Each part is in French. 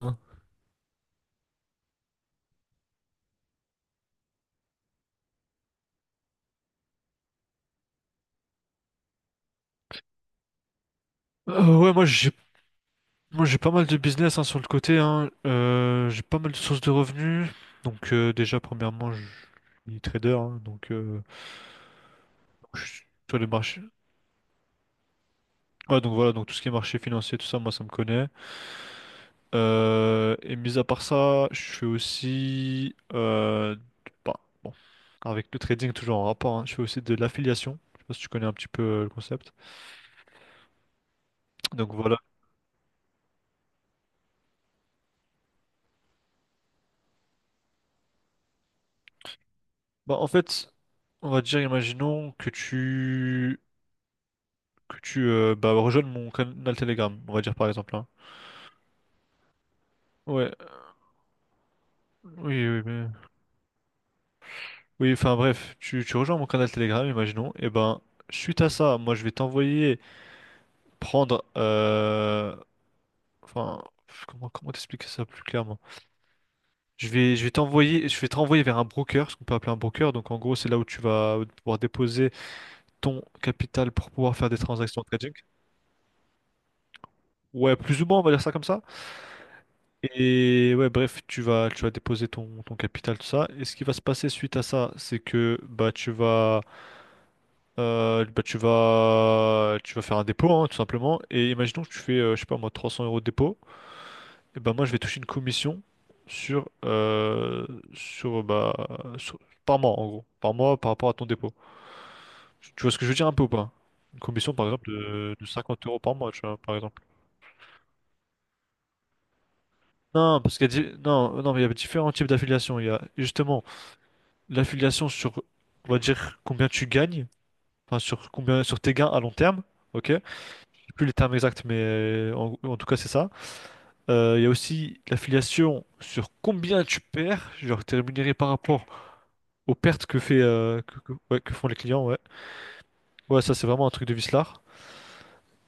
Hein. Ouais, moi j'ai pas mal de business hein, sur le côté. Hein. J'ai pas mal de sources de revenus. Donc déjà premièrement, je suis trader, hein, donc je suis sur les marchés. Ouais, donc voilà, donc tout ce qui est marché financier, tout ça, moi ça me connaît. Et mis à part ça, je suis aussi bah, bon, avec le trading toujours en rapport. Hein, je fais aussi de l'affiliation. Je sais pas si tu connais un petit peu le concept. Donc voilà. Bah en fait, on va dire, imaginons que tu bah, rejoignes mon canal Telegram, on va dire par exemple. Hein. Ouais, oui, mais... Oui, enfin bref, tu rejoins mon canal Telegram, imaginons, et ben, suite à ça, moi je vais t'envoyer prendre... Enfin, comment t'expliquer ça plus clairement? Je vais t'envoyer, je vais te renvoyer vers un broker, ce qu'on peut appeler un broker, donc en gros c'est là où tu vas pouvoir déposer ton capital pour pouvoir faire des transactions de trading. Ouais, plus ou moins, on va dire ça comme ça. Et ouais, bref, tu vas déposer ton capital, tout ça. Et ce qui va se passer suite à ça, c'est que bah, tu vas faire un dépôt, hein, tout simplement. Et imaginons que tu fais, je sais pas moi, 300 euros de dépôt. Et ben moi, je vais toucher une commission sur, euh, sur bah, sur- par mois en gros, par mois par rapport à ton dépôt. Tu vois ce que je veux dire un peu ou pas? Une commission par exemple de 50 euros par mois, tu vois, par exemple. Non, parce qu'il y a, non, mais il y a différents types d'affiliations. Il y a justement l'affiliation sur, on va dire, combien tu gagnes, enfin, sur combien, sur tes gains à long terme. Ok, je sais plus les termes exacts, mais en tout cas, c'est ça. Il y a aussi l'affiliation sur combien tu perds, genre t'es rémunéré par rapport aux pertes que fait ouais, que font les clients, ouais. Ouais, ça c'est vraiment un truc de vislard.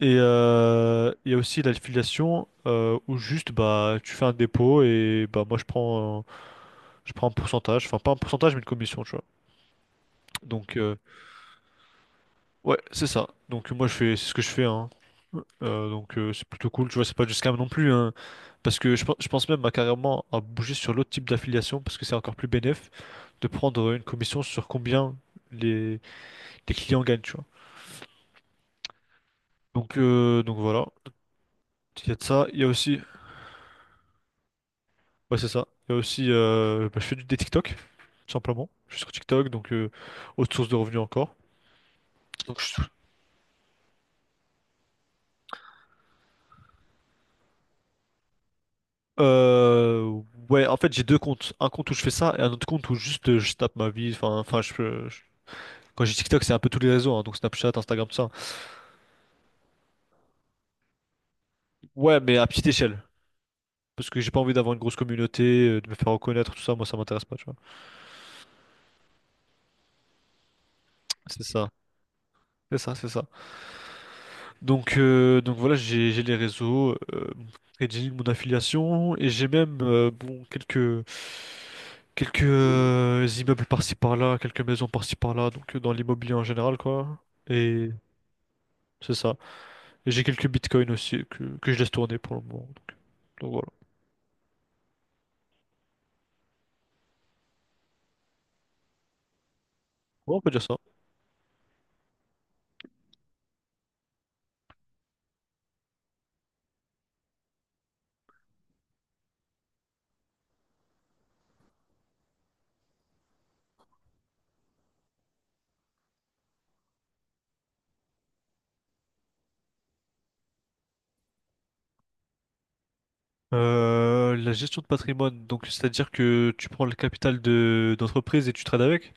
Et il y a aussi l'affiliation où juste bah tu fais un dépôt et bah moi je prends un pourcentage, enfin pas un pourcentage mais une commission, tu vois. Donc ouais, c'est ça. Donc moi je fais c'est ce que je fais hein. C'est plutôt cool, tu vois, c'est pas du scam non plus hein. Parce que je pense même à carrément à bouger sur l'autre type d'affiliation parce que c'est encore plus bénéf de prendre une commission sur combien les, les clients gagnent, tu vois. Donc voilà, il y a de ça, il y a aussi ouais, c'est ça. Il y a aussi bah, je fais du des TikTok tout simplement. Je suis sur TikTok donc autre source de revenus encore. Donc je Euh, ouais, en fait, j'ai deux comptes. Un compte où je fais ça et un autre compte où juste je tape ma vie. Quand j'ai TikTok, c'est un peu tous les réseaux, hein, donc Snapchat, Instagram, tout ça. Ouais, mais à petite échelle. Parce que j'ai pas envie d'avoir une grosse communauté, de me faire reconnaître, tout ça. Moi, ça m'intéresse pas, tu vois. C'est ça, c'est ça. Donc voilà, j'ai les réseaux, mon trading, mon affiliation et j'ai même bon quelques immeubles par-ci par-là, quelques maisons par-ci par-là. Donc dans l'immobilier en général, quoi. Et c'est ça. J'ai quelques bitcoins aussi que je laisse tourner pour le moment. Donc voilà. Ouais, on peut dire ça. La gestion de patrimoine, donc c'est-à-dire que tu prends le capital de d'entreprise et tu trades avec?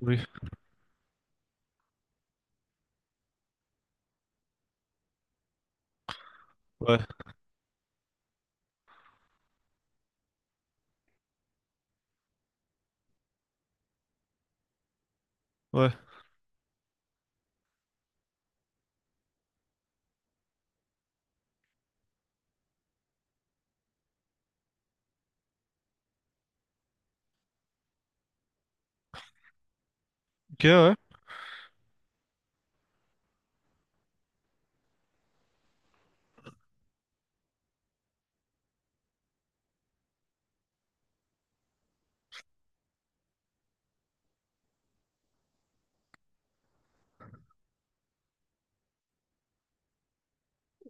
Oui. Ouais, ouais. Ok, ouais.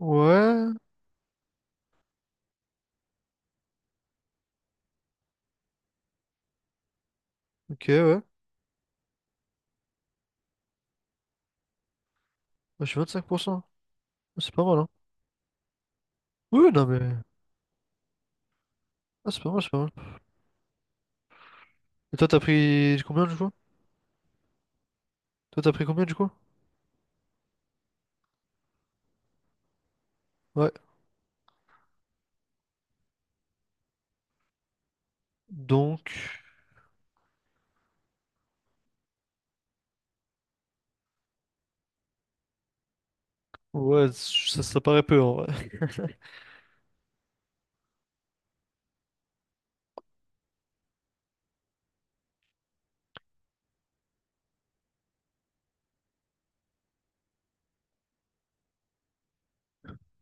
Ouais, ok, ouais. Moi, je suis 25%. C'est pas mal, hein. Oui, non, mais. Ah, c'est pas mal, c'est pas mal. Et toi, t'as pris combien du coup? Toi, t'as pris combien du coup? Ouais. Donc. Ouais, ça paraît peu en vrai.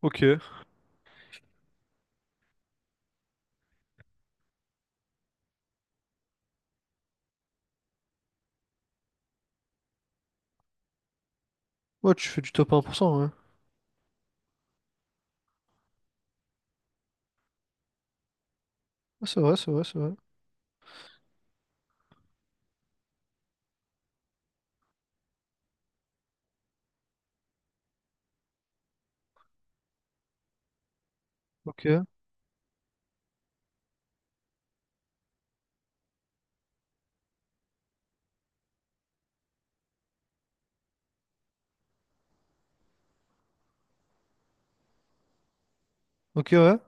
Ok. Ouais, tu fais du top 1%, ouais. Ah, c'est vrai, c'est vrai. Ok. Ok, ouais.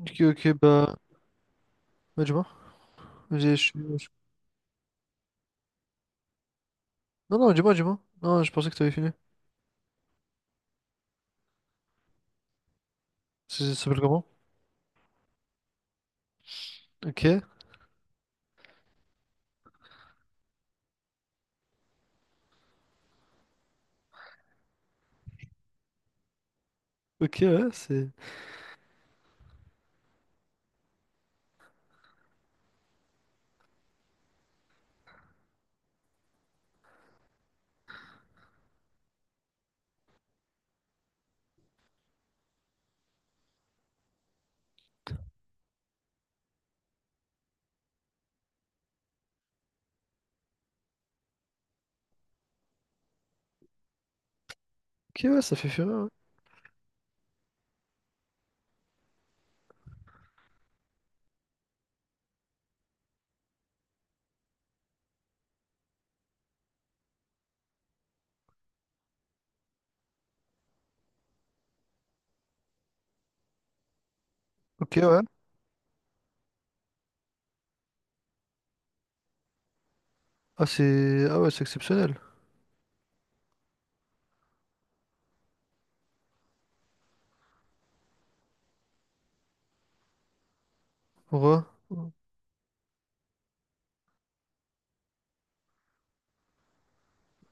Ok, ok, bah. Ouais, dis-moi. J'ai- je suis- je- Non, non, dis-moi. Non, je pensais que t'avais fini. Ça ça s'appelle comment? Ok, ok, ouais, c'est. Ok, ouais, ça fait fureur. Ouais. Ok, ouais. Ah, c'est. Ah, ouais, c'est exceptionnel. Ouais.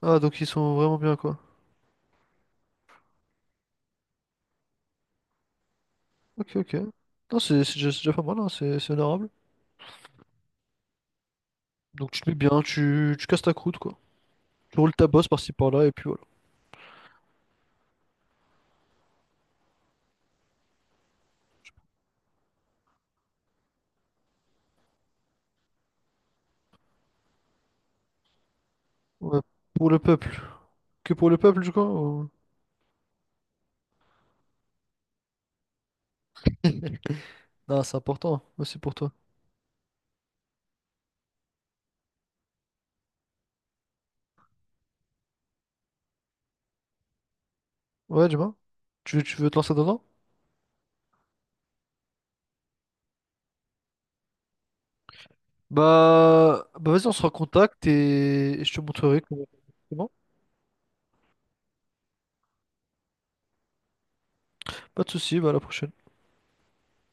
Ah, donc ils sont vraiment bien, quoi. Ok, ok. Non, c'est déjà pas mal, hein. C'est honorable. Donc tu te mets bien, tu casses ta croûte, quoi. Tu roules ta bosse par-ci par-là, et puis voilà. Ouais. Pour le peuple. Que pour le peuple, du coup? Ou- Non, c'est important. Aussi pour toi. Ouais, dis-moi. Tu veux te lancer dedans? Bah vas-y, on se recontacte et je te montrerai comment. Pas de souci, bah à la prochaine.